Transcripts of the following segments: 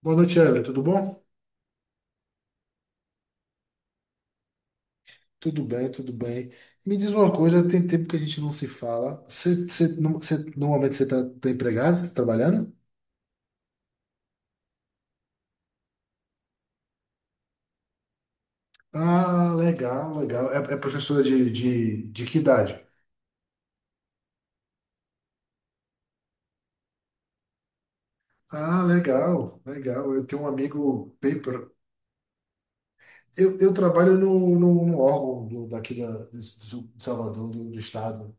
Boa noite, Evelyn. Tudo bom? Tudo bem, tudo bem. Me diz uma coisa, tem tempo que a gente não se fala. Você, você, no- você- Normalmente você está tá tá empregado, você tá trabalhando? Ah, legal, legal. É, é professora de que idade? Ah, legal, legal. Eu tenho um amigo bem... pro- Eu trabalho no órgão do, daqui da, de, Su- de Salvador, do estado.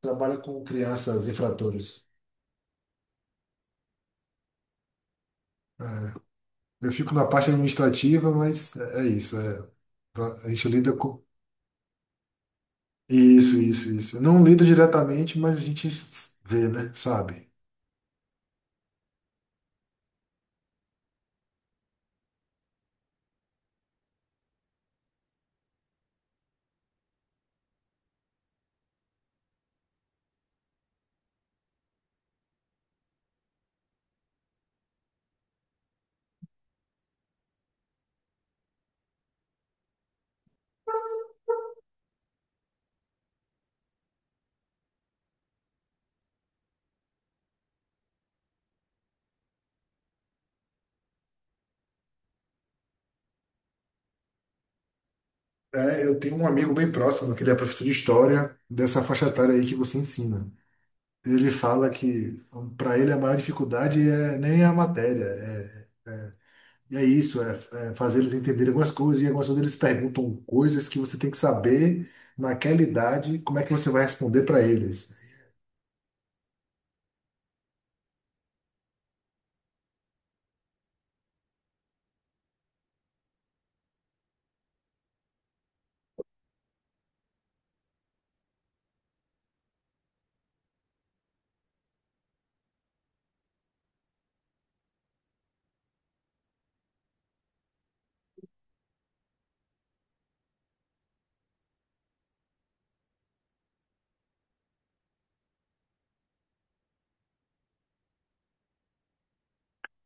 Trabalho com crianças infratores. É. Eu fico na parte administrativa, mas é isso. A gente lida com... Isso, isso, isso. eu Não lido diretamente, mas a gente vê, né? Sabe? É, eu tenho um amigo bem próximo, que ele é professor de história, dessa faixa etária aí que você ensina. Ele fala que para ele a maior dificuldade é nem a matéria, é isso, é, é fazer eles entenderem algumas coisas, e algumas vezes eles perguntam coisas que você tem que saber naquela idade, como é que você vai responder para eles.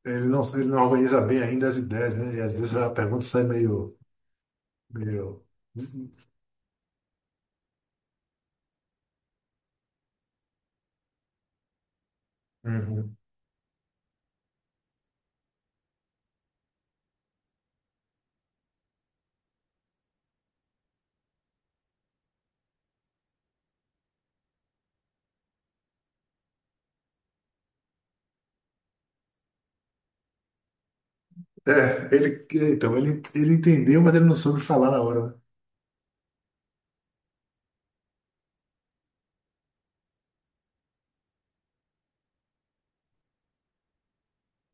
Ele não organiza bem ainda as ideias, né? E às vezes a pergunta sai meio, Uhum. É, ele, ele entendeu, mas ele não soube falar na hora, né?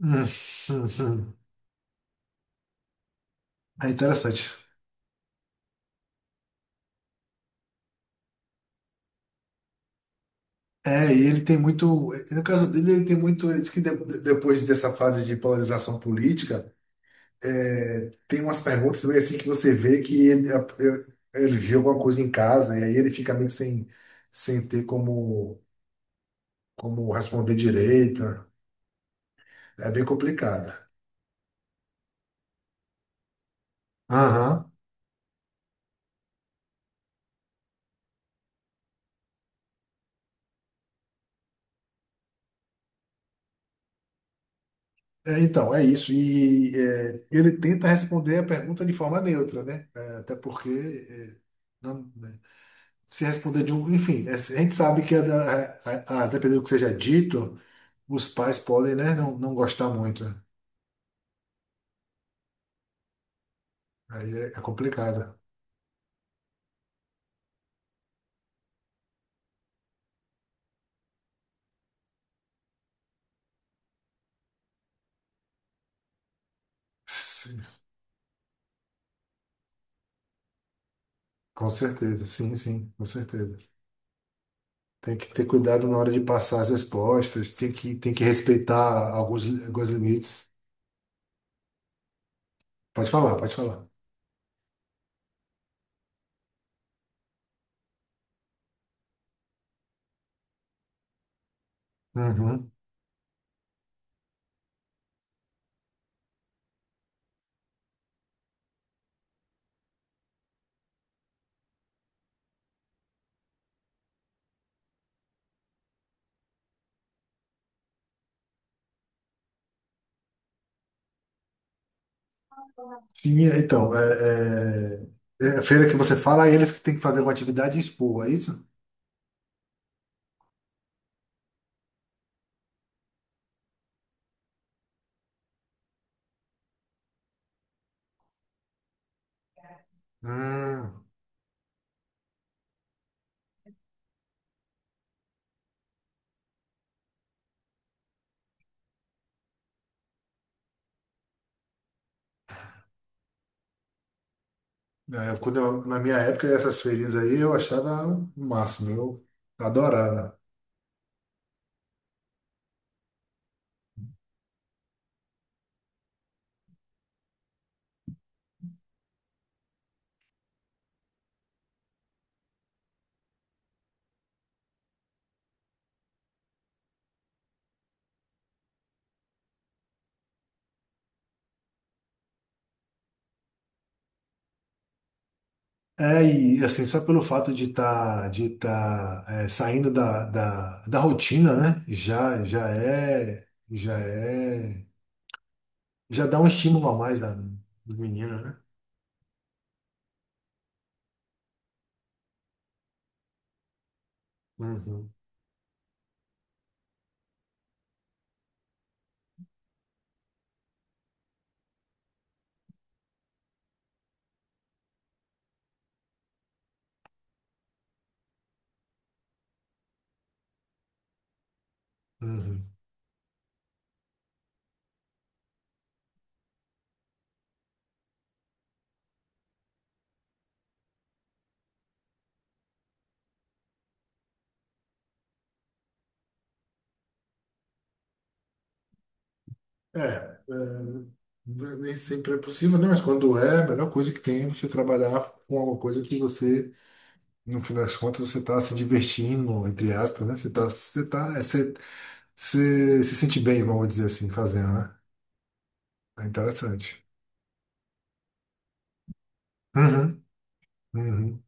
Hum, hum. É interessante. É, e ele tem muito. No caso dele, ele tem muito. Ele diz que depois dessa fase de polarização política, tem umas perguntas meio assim que você vê que ele viu alguma coisa em casa, e aí ele fica meio que sem ter como responder direito. É bem complicado. Aham. É isso. Ele tenta responder a pergunta de forma neutra, né? Até porque é, não- né? se responder de um. Enfim, a gente sabe que, a, da- a- dependendo do que seja dito, os pais podem, né, não gostar muito. É complicado. Sim, com certeza, sim, sim, com certeza. Tem que ter cuidado na hora de passar as respostas, tem que respeitar alguns limites. Pode falar, pode falar. Uhum. Sim, então, é, é a feira que você fala, é eles que têm que fazer uma atividade e expor, é isso? Hum. Na minha época, essas feirinhas aí eu achava o máximo, eu adorava. É, e assim, só pelo fato de tá, é, saindo da rotina, né? Já dá um estímulo a mais do menino, né? Uhum, uhum. Nem sempre é possível, né? Mas quando é, a melhor coisa que tem é você trabalhar com alguma coisa que você, no fim das contas, você está se divertindo, entre aspas, né? Você está, você tá, é, você, você se sente bem, vamos dizer assim, fazendo, né? É interessante. Uhum, uhum.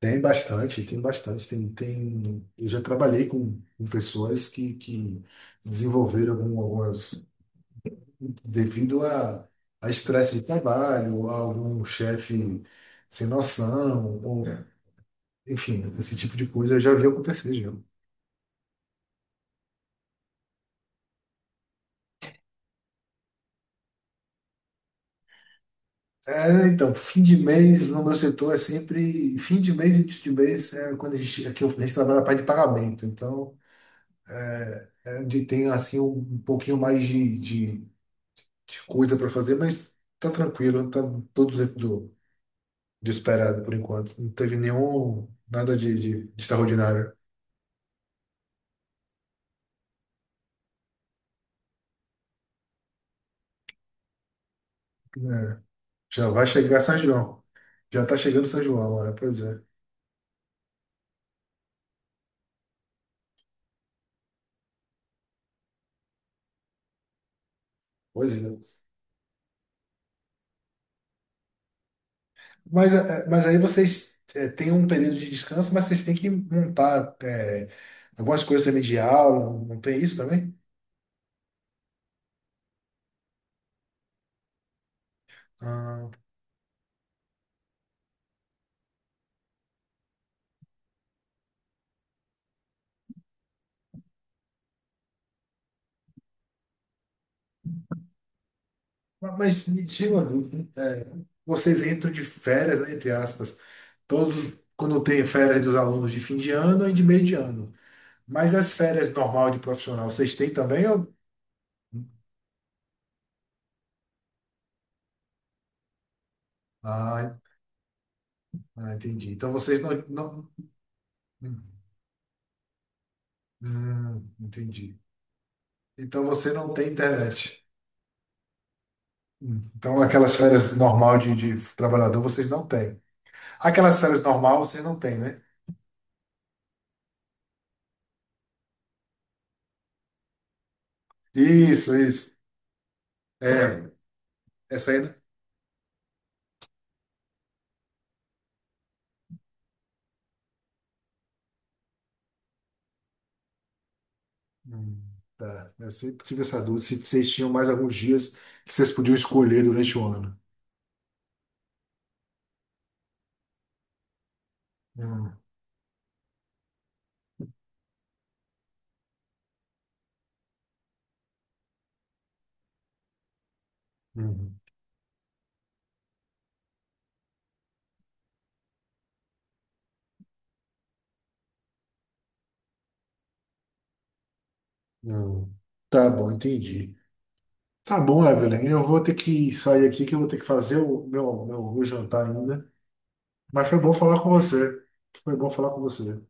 Tem bastante, tem bastante. Tem, tem... Eu já trabalhei com pessoas que desenvolveram algumas devido a estresse de trabalho, a algum chefe sem noção, ou, É, enfim, esse tipo de coisa eu já vi acontecer, já. Fim de mês no meu setor é sempre fim de mês e início de mês é quando a gente, aqui a gente trabalha na parte de pagamento, então é onde tem assim um pouquinho mais de coisa para fazer, mas tá tranquilo, tá tudo dentro do esperado por enquanto. Não teve nenhum nada de extraordinário. É. Já vai chegar São João. Já está chegando São João, é, pois é. Pois é. Mas aí vocês é, têm um período de descanso, mas vocês têm que montar é, algumas coisas também de aula, não tem isso também? Ah, mas me tira uma dúvida. Vocês entram de férias, né, entre aspas, todos quando tem férias dos alunos de fim de ano e de meio de ano. Mas as férias normal de profissional, vocês têm também? Ou... Ah, ah, entendi. Então vocês não... Hum, entendi. Então você não tem internet. Então aquelas férias normal de trabalhador vocês não têm. Aquelas férias normal vocês não têm, né? Isso, isso. É, essa aí. Né? Hum, tá. Eu sempre tive essa dúvida se vocês tinham mais alguns dias que vocês podiam escolher durante o ano. Hum, hum, hum. Tá bom, entendi. Tá bom, Evelyn. Eu vou ter que sair aqui que eu vou ter que fazer o meu jantar ainda. Mas foi bom falar com você. Foi bom falar com você.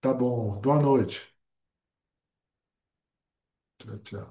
Tá bom. Boa noite. Tchau, tchau.